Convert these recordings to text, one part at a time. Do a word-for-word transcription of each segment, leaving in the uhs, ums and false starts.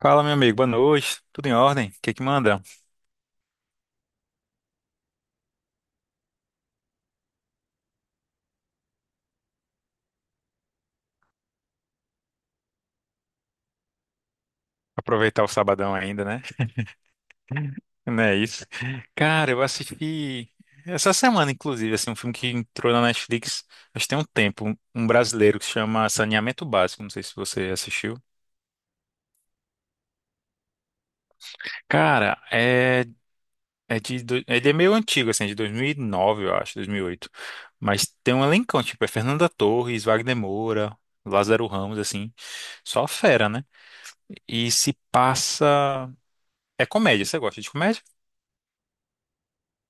Fala, meu amigo, boa noite. Tudo em ordem? O que que manda? Aproveitar o sabadão ainda, né? Não é isso? Cara, eu assisti essa semana, inclusive, assim, um filme que entrou na Netflix, acho que tem um tempo, um um brasileiro que se chama Saneamento Básico, não sei se você assistiu. Cara, é, é de, do- ele é meio antigo, assim, é de dois mil e nove, eu acho, dois mil e oito. Mas tem um elencão, tipo, é Fernanda Torres, Wagner Moura, Lázaro Ramos, assim, só fera, né? E se passa... É comédia, você gosta de comédia?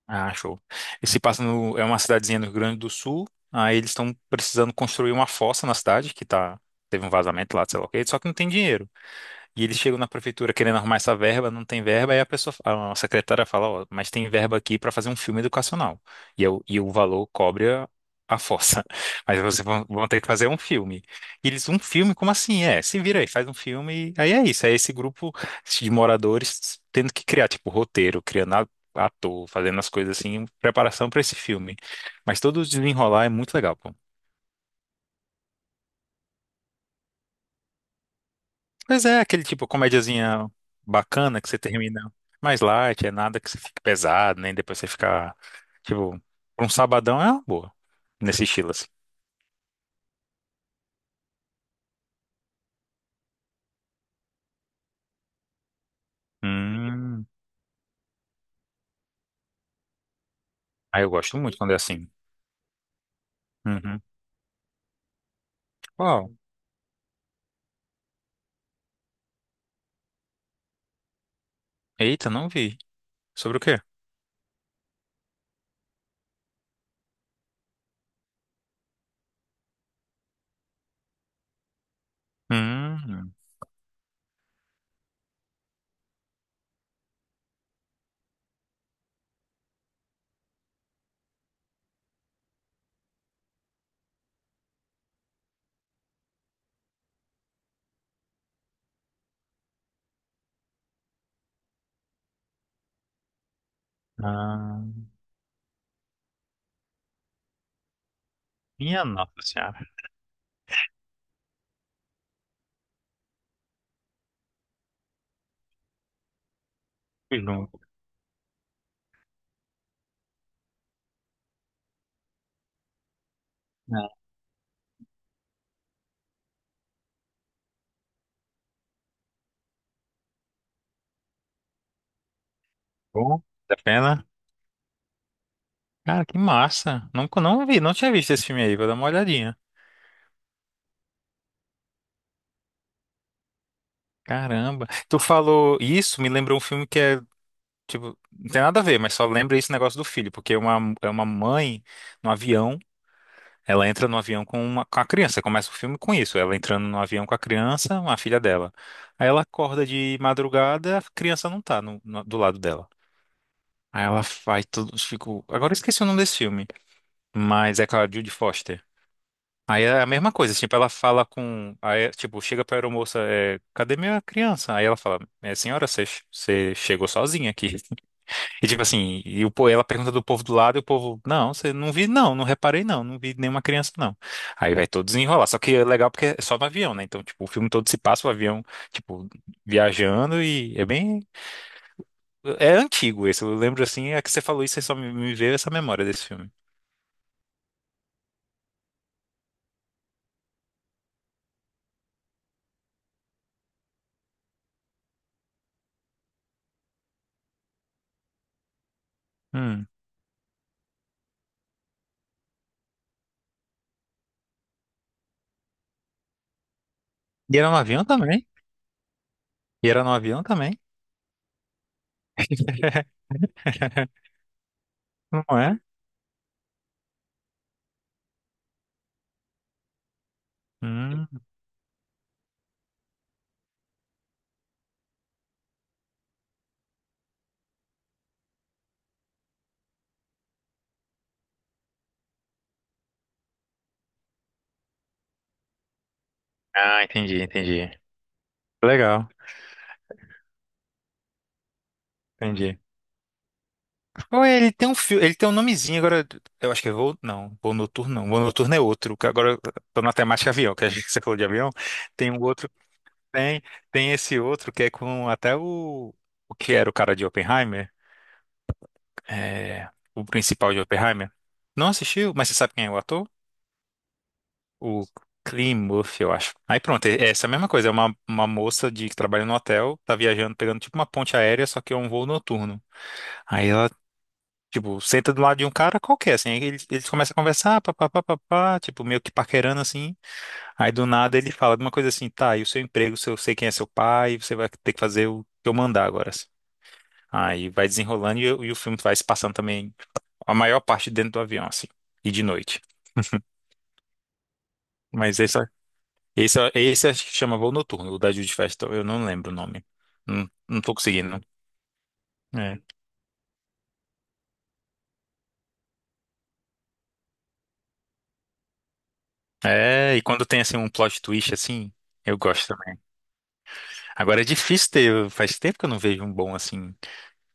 Ah, show. E passa no, é uma cidadezinha no Rio Grande do Sul, aí eles estão precisando construir uma fossa na cidade, que tá, teve um vazamento lá, sei lá o quê, só que não tem dinheiro. E eles chegam na prefeitura querendo arrumar essa verba, não tem verba, e a pessoa, a secretária fala, ó, mas tem verba aqui para fazer um filme educacional. E, é o e o valor cobre a, a força. Mas vocês vão, vão ter que fazer um filme. E eles, um filme? Como assim? É, se vira aí, faz um filme. e Aí é isso, é esse grupo de moradores tendo que criar, tipo, roteiro, criando a- ator, fazendo as coisas assim, em preparação para esse filme. Mas todo o desenrolar é muito legal, pô. Pois é, aquele tipo comédiazinha bacana que você termina mais light, é nada que você fique pesado, nem depois você ficar, tipo, pra um sabadão é uma boa, nesse estilo assim. Hum, aí eu gosto muito quando é assim. Uhum. Uau, eita, não vi. Sobre o quê? Hum, ah, minha nossa senhora. Fui longo. Ah, bom, da pena. Cara, que massa. Nunca não vi, não tinha visto esse filme aí, vou dar uma olhadinha. Caramba. Tu falou isso, me lembrou um filme que é. Tipo, não tem nada a ver, mas só lembra esse negócio do filho, porque uma, é uma mãe no avião, ela entra no avião com, uma, com a criança, começa o filme com isso, ela entrando no avião com a criança, uma filha dela. Aí ela acorda de madrugada, a criança não tá no- no- do lado dela. Aí ela faz tudo, fico, agora eu esqueci o nome desse filme, mas é com a Judy Foster. Aí é a mesma coisa, tipo, ela fala com, aí, tipo, chega pra aeromoça, é, cadê minha criança? Aí ela fala, é, senhora, você você chegou sozinha aqui. E tipo assim, e o, po- ela pergunta do povo do lado e o povo, não, você não vi, não, não reparei, não, não vi nenhuma criança, não. Aí vai todo desenrolar. Só que é legal porque é só no avião, né? Então, tipo, o filme todo se passa o avião, tipo, viajando e é bem. É antigo esse. Eu lembro assim, é que você falou isso, aí só me, me veio essa memória desse filme. Hum. E era no avião também? E era no avião também? Não é? Hum. Ah, entendi, entendi. Legal, entendi. Qual é? Ele tem um filme, ele tem um nomezinho agora. Eu acho que é Voo. Não, Voo Noturno não. Voo Noturno é outro. Que Agora eu tô na temática avião, que a gente você falou de avião. Tem um outro. Tem, tem esse outro que é com até o. O que era o cara de Oppenheimer? É, o principal de Oppenheimer. Não assistiu, mas você sabe quem é o ator? O Cillian Murphy, eu acho. Aí pronto, é essa mesma coisa. É uma, uma moça de, que trabalha no hotel, tá viajando, pegando tipo uma ponte aérea, só que é um voo noturno. Aí ela. Tipo, senta do lado de um cara qualquer, assim. Aí eles, eles começam a conversar, papapá, papapá, tipo, meio que paquerando, assim. Aí do nada ele fala de uma coisa assim, tá, e o seu emprego, se eu sei quem é seu pai, você vai ter que fazer o que eu mandar agora, assim. Aí vai desenrolando e, o e o filme vai se passando também a maior parte dentro do avião, assim. E de noite. Mas esse, esse, esse acho que chama Voo Noturno, o da Judy Festival, eu não lembro o nome. Não, não tô conseguindo. É. É, e quando tem, assim, um plot twist, assim, eu gosto. Agora é difícil ter, faz tempo que eu não vejo um bom assim,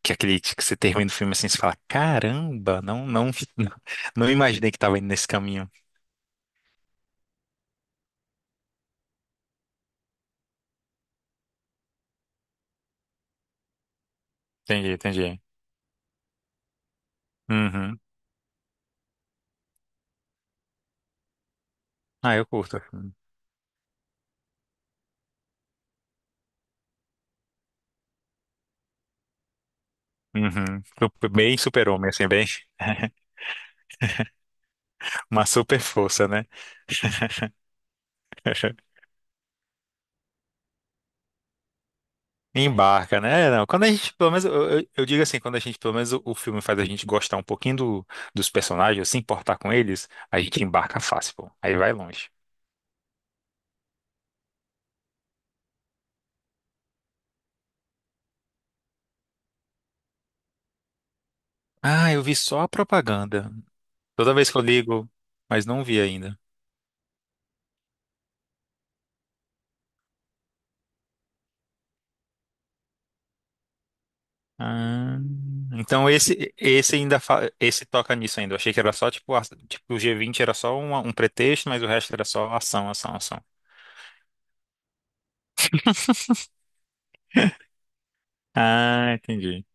que é aquele que você termina o filme assim, você fala, caramba, não, não, não imaginei que tava indo nesse caminho. Entendi, entendi. Uhum. Ah, eu curto. Uhum. Super- Bem super-homem, assim, bem. Uma super força, né? Embarca, né? É, não, quando a gente, pelo menos, eu, eu- eu digo assim, quando a gente, pelo menos, o, o filme faz a gente gostar um pouquinho do- dos personagens, se importar com eles, a gente embarca fácil, pô. Aí vai longe. Ah, eu vi só a propaganda. Toda vez que eu ligo, mas não vi ainda. Ah, então esse esse ainda fa- esse toca nisso ainda. Eu achei que era só tipo a- tipo o gê vinte era só uma- um pretexto, mas o resto era só ação, ação, ação. Ah, entendi.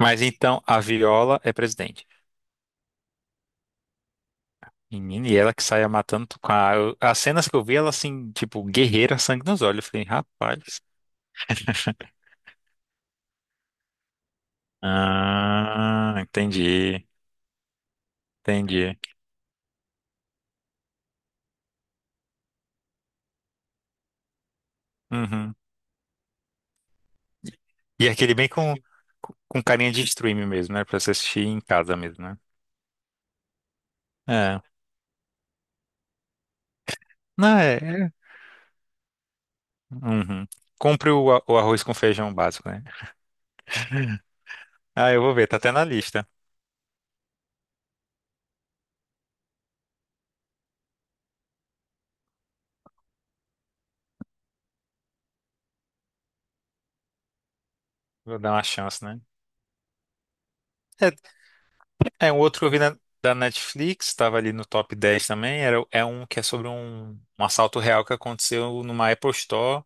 Mas então a Viola é presidente. Menina, e ela que saia matando tu- com a, eu- as cenas que eu vi, ela assim, tipo, guerreira, sangue nos olhos. Eu falei, rapaz. Ah, entendi. Entendi. Uhum. E é aquele bem com, com carinha de stream mesmo, né? Pra você assistir em casa mesmo, né? É. Não, é. É. Uhum. Compre o, a- o arroz com feijão básico, né? Ah, eu vou ver, tá até na lista. Vou dar uma chance, né? É, é um outro que eu vi na- da Netflix, tava ali no top dez também. Era, é um que é sobre um, um assalto real que aconteceu numa Apple Store.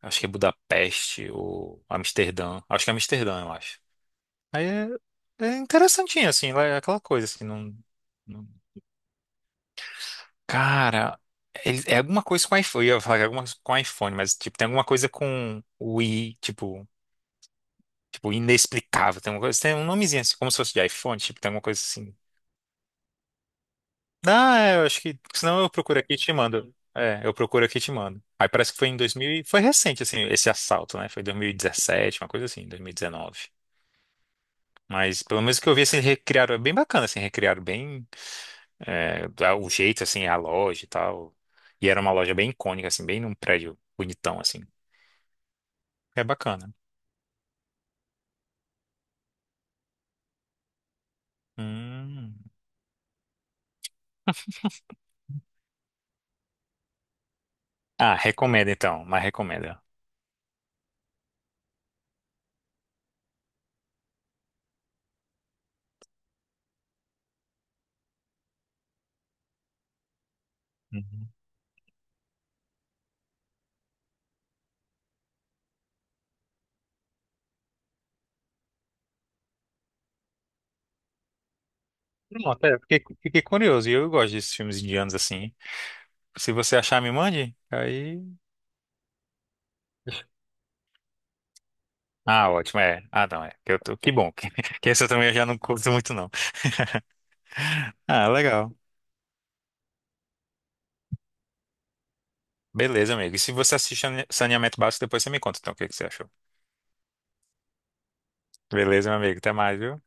Acho que é Budapeste ou Amsterdã. Acho que é Amsterdã, eu acho. Aí é, é interessantinho, assim, lá é aquela coisa, assim, não. Cara, eles- é alguma coisa com iPhone. Eu ia falar que é alguma coisa com iPhone, mas tipo, tem alguma coisa com o i, tipo, tipo, inexplicável. Tem uma coisa, tem um nomezinho assim, como se fosse de iPhone, tipo, tem alguma coisa assim. Ah, é, eu acho que. Senão eu procuro aqui e te mando. É, eu procuro aqui e te mando. Aí parece que foi em dois mil. e- Foi recente, assim, esse assalto, né? Foi dois mil e dezessete, uma coisa assim, dois mil e dezenove. Mas pelo menos o que eu vi, assim, recriaram, é bem bacana, assim, recriaram bem é, o jeito, assim, a loja e tal. E era uma loja bem icônica, assim, bem num prédio bonitão, assim. É bacana. Hum. Ah, recomenda então, mas recomenda. Uhum. Não, até fiquei, fiquei curioso. E eu gosto desses filmes indianos assim. Se você achar, me mande. Aí. Ah, ótimo, é. Ah, não, é. Que, eu tô... que bom. Que, que esse eu também já não curto muito, não. Ah, legal. Beleza, amigo. E se você assiste Sane- Saneamento Básico, depois você me conta, então, o que que você achou. Beleza, meu amigo. Até mais, viu?